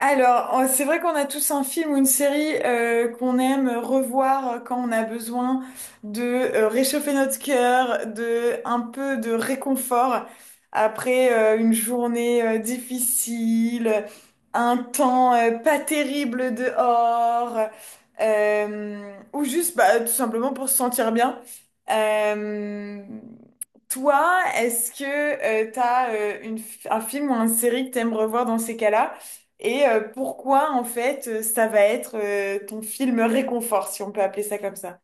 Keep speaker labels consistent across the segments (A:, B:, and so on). A: C'est vrai qu'on a tous un film ou une série qu'on aime revoir quand on a besoin de réchauffer notre cœur, de un peu de réconfort après une journée difficile, un temps pas terrible dehors, ou juste bah, tout simplement pour se sentir bien. Euh, Toi, est-ce que t'as un film ou une série que t'aimes revoir dans ces cas-là? Et pourquoi, en fait, ça va être ton film réconfort, si on peut appeler ça comme ça?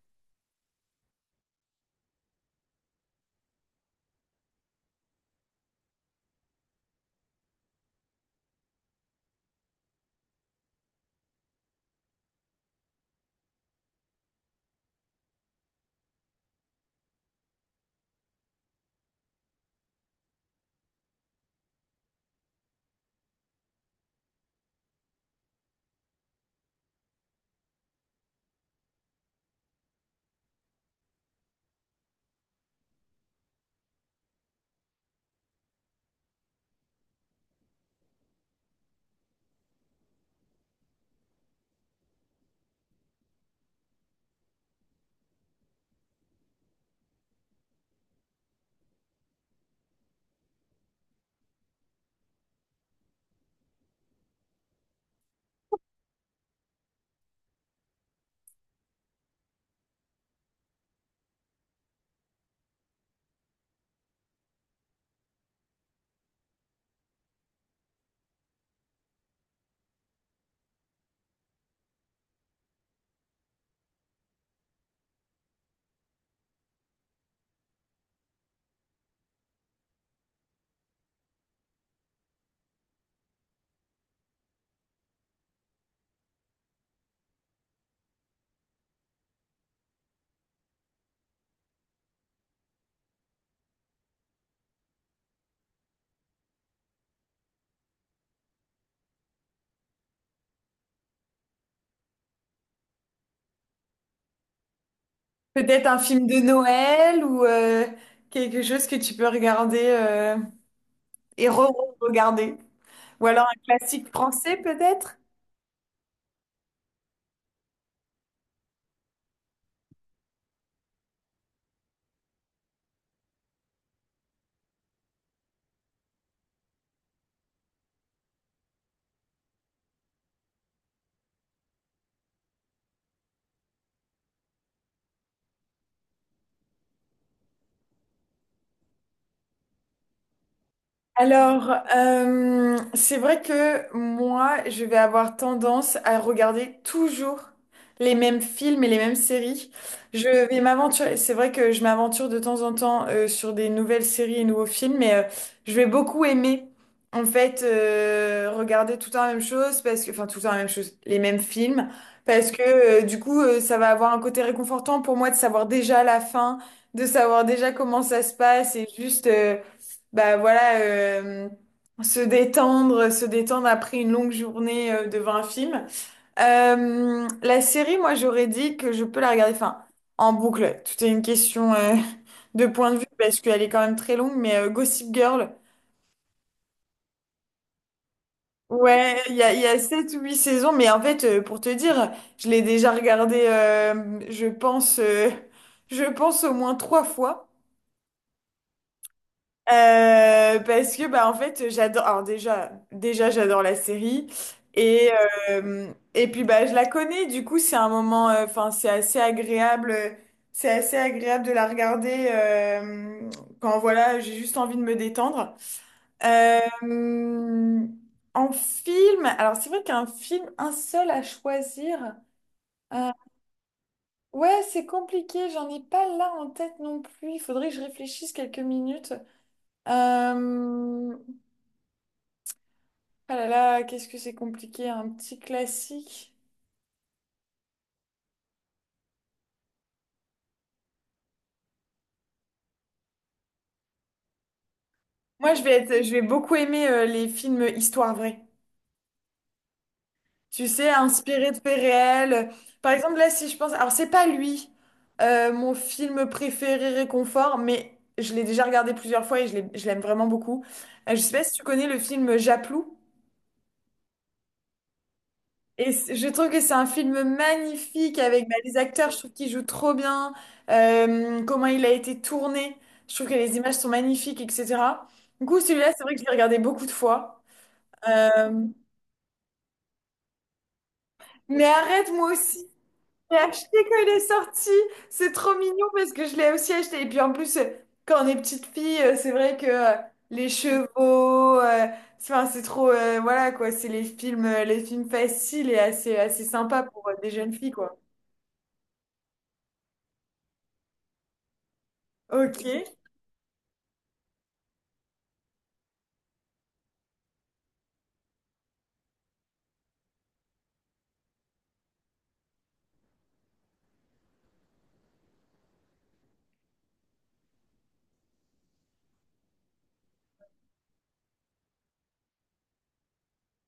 A: Peut-être un film de Noël ou quelque chose que tu peux regarder et re-regarder. Ou alors un classique français, peut-être? C'est vrai que moi, je vais avoir tendance à regarder toujours les mêmes films et les mêmes séries. Je vais m'aventurer. C'est vrai que je m'aventure de temps en temps sur des nouvelles séries et nouveaux films, mais je vais beaucoup aimer, en fait, regarder tout le temps la même chose, parce que, enfin, tout le temps la même chose, les mêmes films, parce que du coup, ça va avoir un côté réconfortant pour moi de savoir déjà la fin, de savoir déjà comment ça se passe et juste, bah voilà, se détendre après une longue journée devant un film. La série, moi, j'aurais dit que je peux la regarder, enfin, en boucle. Tout est une question de point de vue parce qu'elle est quand même très longue, mais Gossip Girl. Ouais, il y a 7 ou 8 saisons, mais en fait, pour te dire, je l'ai déjà regardé, je pense, au moins trois fois. Parce que bah en fait j'adore alors déjà déjà j'adore la série et et puis bah je la connais du coup c'est un moment enfin c'est assez agréable de la regarder quand voilà j'ai juste envie de me détendre. Euh, En film alors c'est vrai qu'un film un seul à choisir euh, ouais c'est compliqué j'en ai pas là en tête non plus il faudrait que je réfléchisse quelques minutes. euh, Ah là là, qu'est-ce que c'est compliqué, un petit classique. Moi, je vais beaucoup aimer les films histoire vraie. Tu sais, inspirés de faits réels. Par exemple, là, si je pense, alors c'est pas lui, mon film préféré réconfort, mais je l'ai déjà regardé plusieurs fois et je l'aime vraiment beaucoup. Je sais pas si tu connais le film Japlou. Je trouve que c'est un film magnifique avec bah, les acteurs, je trouve qu'ils jouent trop bien, comment il a été tourné, je trouve que les images sont magnifiques, etc. Du coup, celui-là, c'est vrai que je l'ai regardé beaucoup de fois. Euh, mais arrête, moi aussi, j'ai acheté quand il est sorti, c'est trop mignon parce que je l'ai aussi acheté. Et puis en plus, quand on est petite fille, c'est vrai que les chevaux, c'est enfin, c'est trop, voilà quoi, c'est les films faciles et assez, assez sympas pour des jeunes filles, quoi. Ok.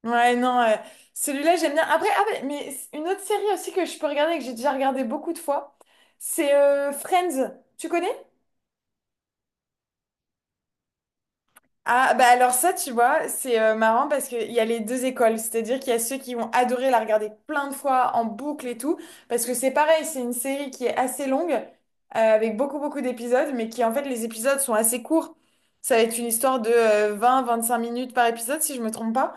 A: Ouais, non, celui-là, j'aime bien. Après, ah, ouais, mais une autre série aussi que je peux regarder, et que j'ai déjà regardé beaucoup de fois, c'est Friends. Tu connais? Ah, bah alors ça, tu vois, c'est marrant parce qu'il y a les deux écoles. C'est-à-dire qu'il y a ceux qui vont adorer la regarder plein de fois en boucle et tout. Parce que c'est pareil, c'est une série qui est assez longue, avec beaucoup, beaucoup d'épisodes, mais qui en fait, les épisodes sont assez courts. Ça va être une histoire de vingt 25 minutes par épisode, si je me trompe pas.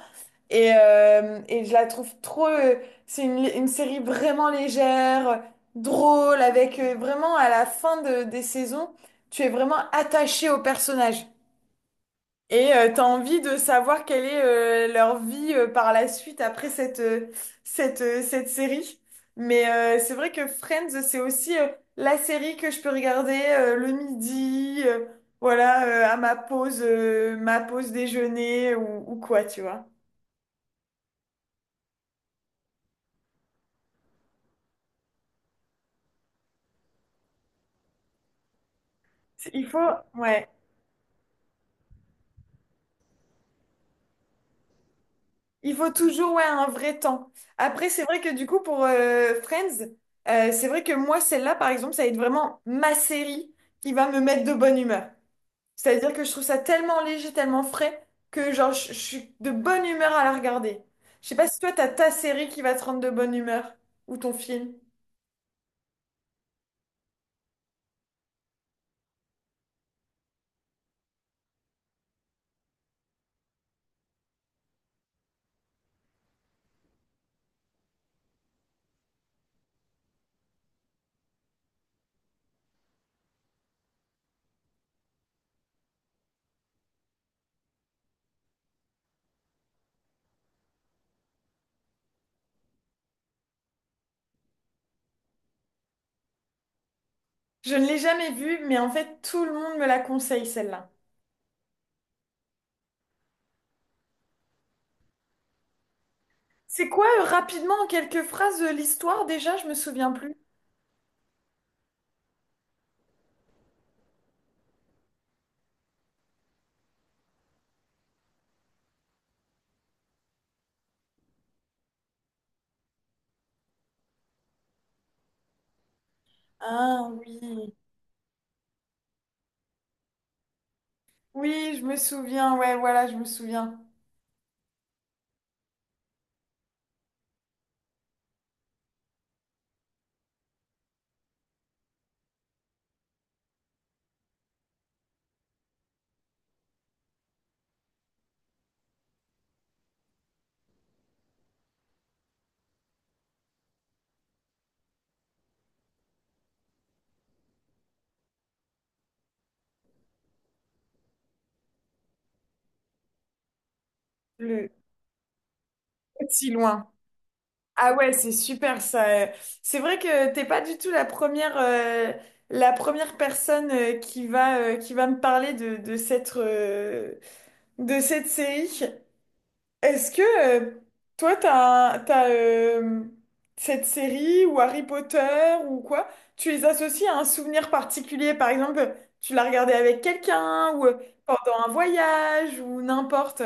A: Et je la trouve trop. C'est une série vraiment légère, drôle, avec vraiment à la fin des saisons, tu es vraiment attaché au personnage. Et t'as envie de savoir quelle est leur vie par la suite après cette série. Mais c'est vrai que Friends, c'est aussi la série que je peux regarder le midi, voilà, à ma pause déjeuner ou quoi, tu vois. Il faut, ouais. Il faut toujours ouais, un vrai temps. Après, c'est vrai que du coup, pour Friends, c'est vrai que moi, celle-là, par exemple, ça va être vraiment ma série qui va me mettre de bonne humeur. C'est-à-dire que je trouve ça tellement léger, tellement frais, que genre, je suis de bonne humeur à la regarder. Je sais pas si toi, t'as ta série qui va te rendre de bonne humeur, ou ton film. Je ne l'ai jamais vue, mais en fait, tout le monde me la conseille, celle-là. C'est quoi, rapidement, en quelques phrases, l'histoire déjà? Je me souviens plus. Ah oui. Oui, je me souviens, ouais, voilà, je me souviens. Le Si loin. Ah ouais, c'est super ça. C'est vrai que t'es pas du tout la première personne qui qui va me parler de cette série. Est-ce que euh, toi, t'as cette série ou Harry Potter ou quoi, tu les associes à un souvenir particulier? Par exemple, tu l'as regardé avec quelqu'un ou pendant un voyage ou n'importe.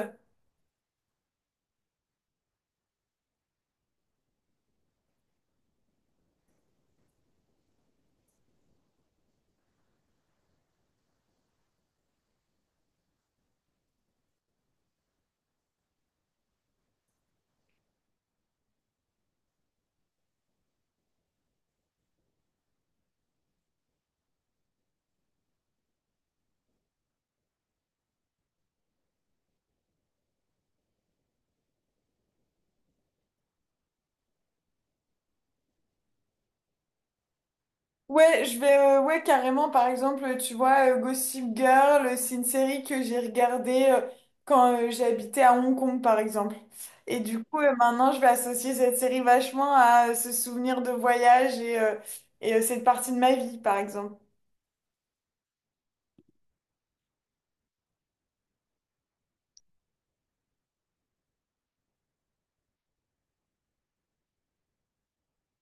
A: Ouais, je vais, ouais, carrément, par exemple, tu vois, Gossip Girl, c'est une série que j'ai regardée quand j'habitais à Hong Kong, par exemple. Et du coup, maintenant, je vais associer cette série vachement à ce souvenir de voyage et cette partie de ma vie, par exemple.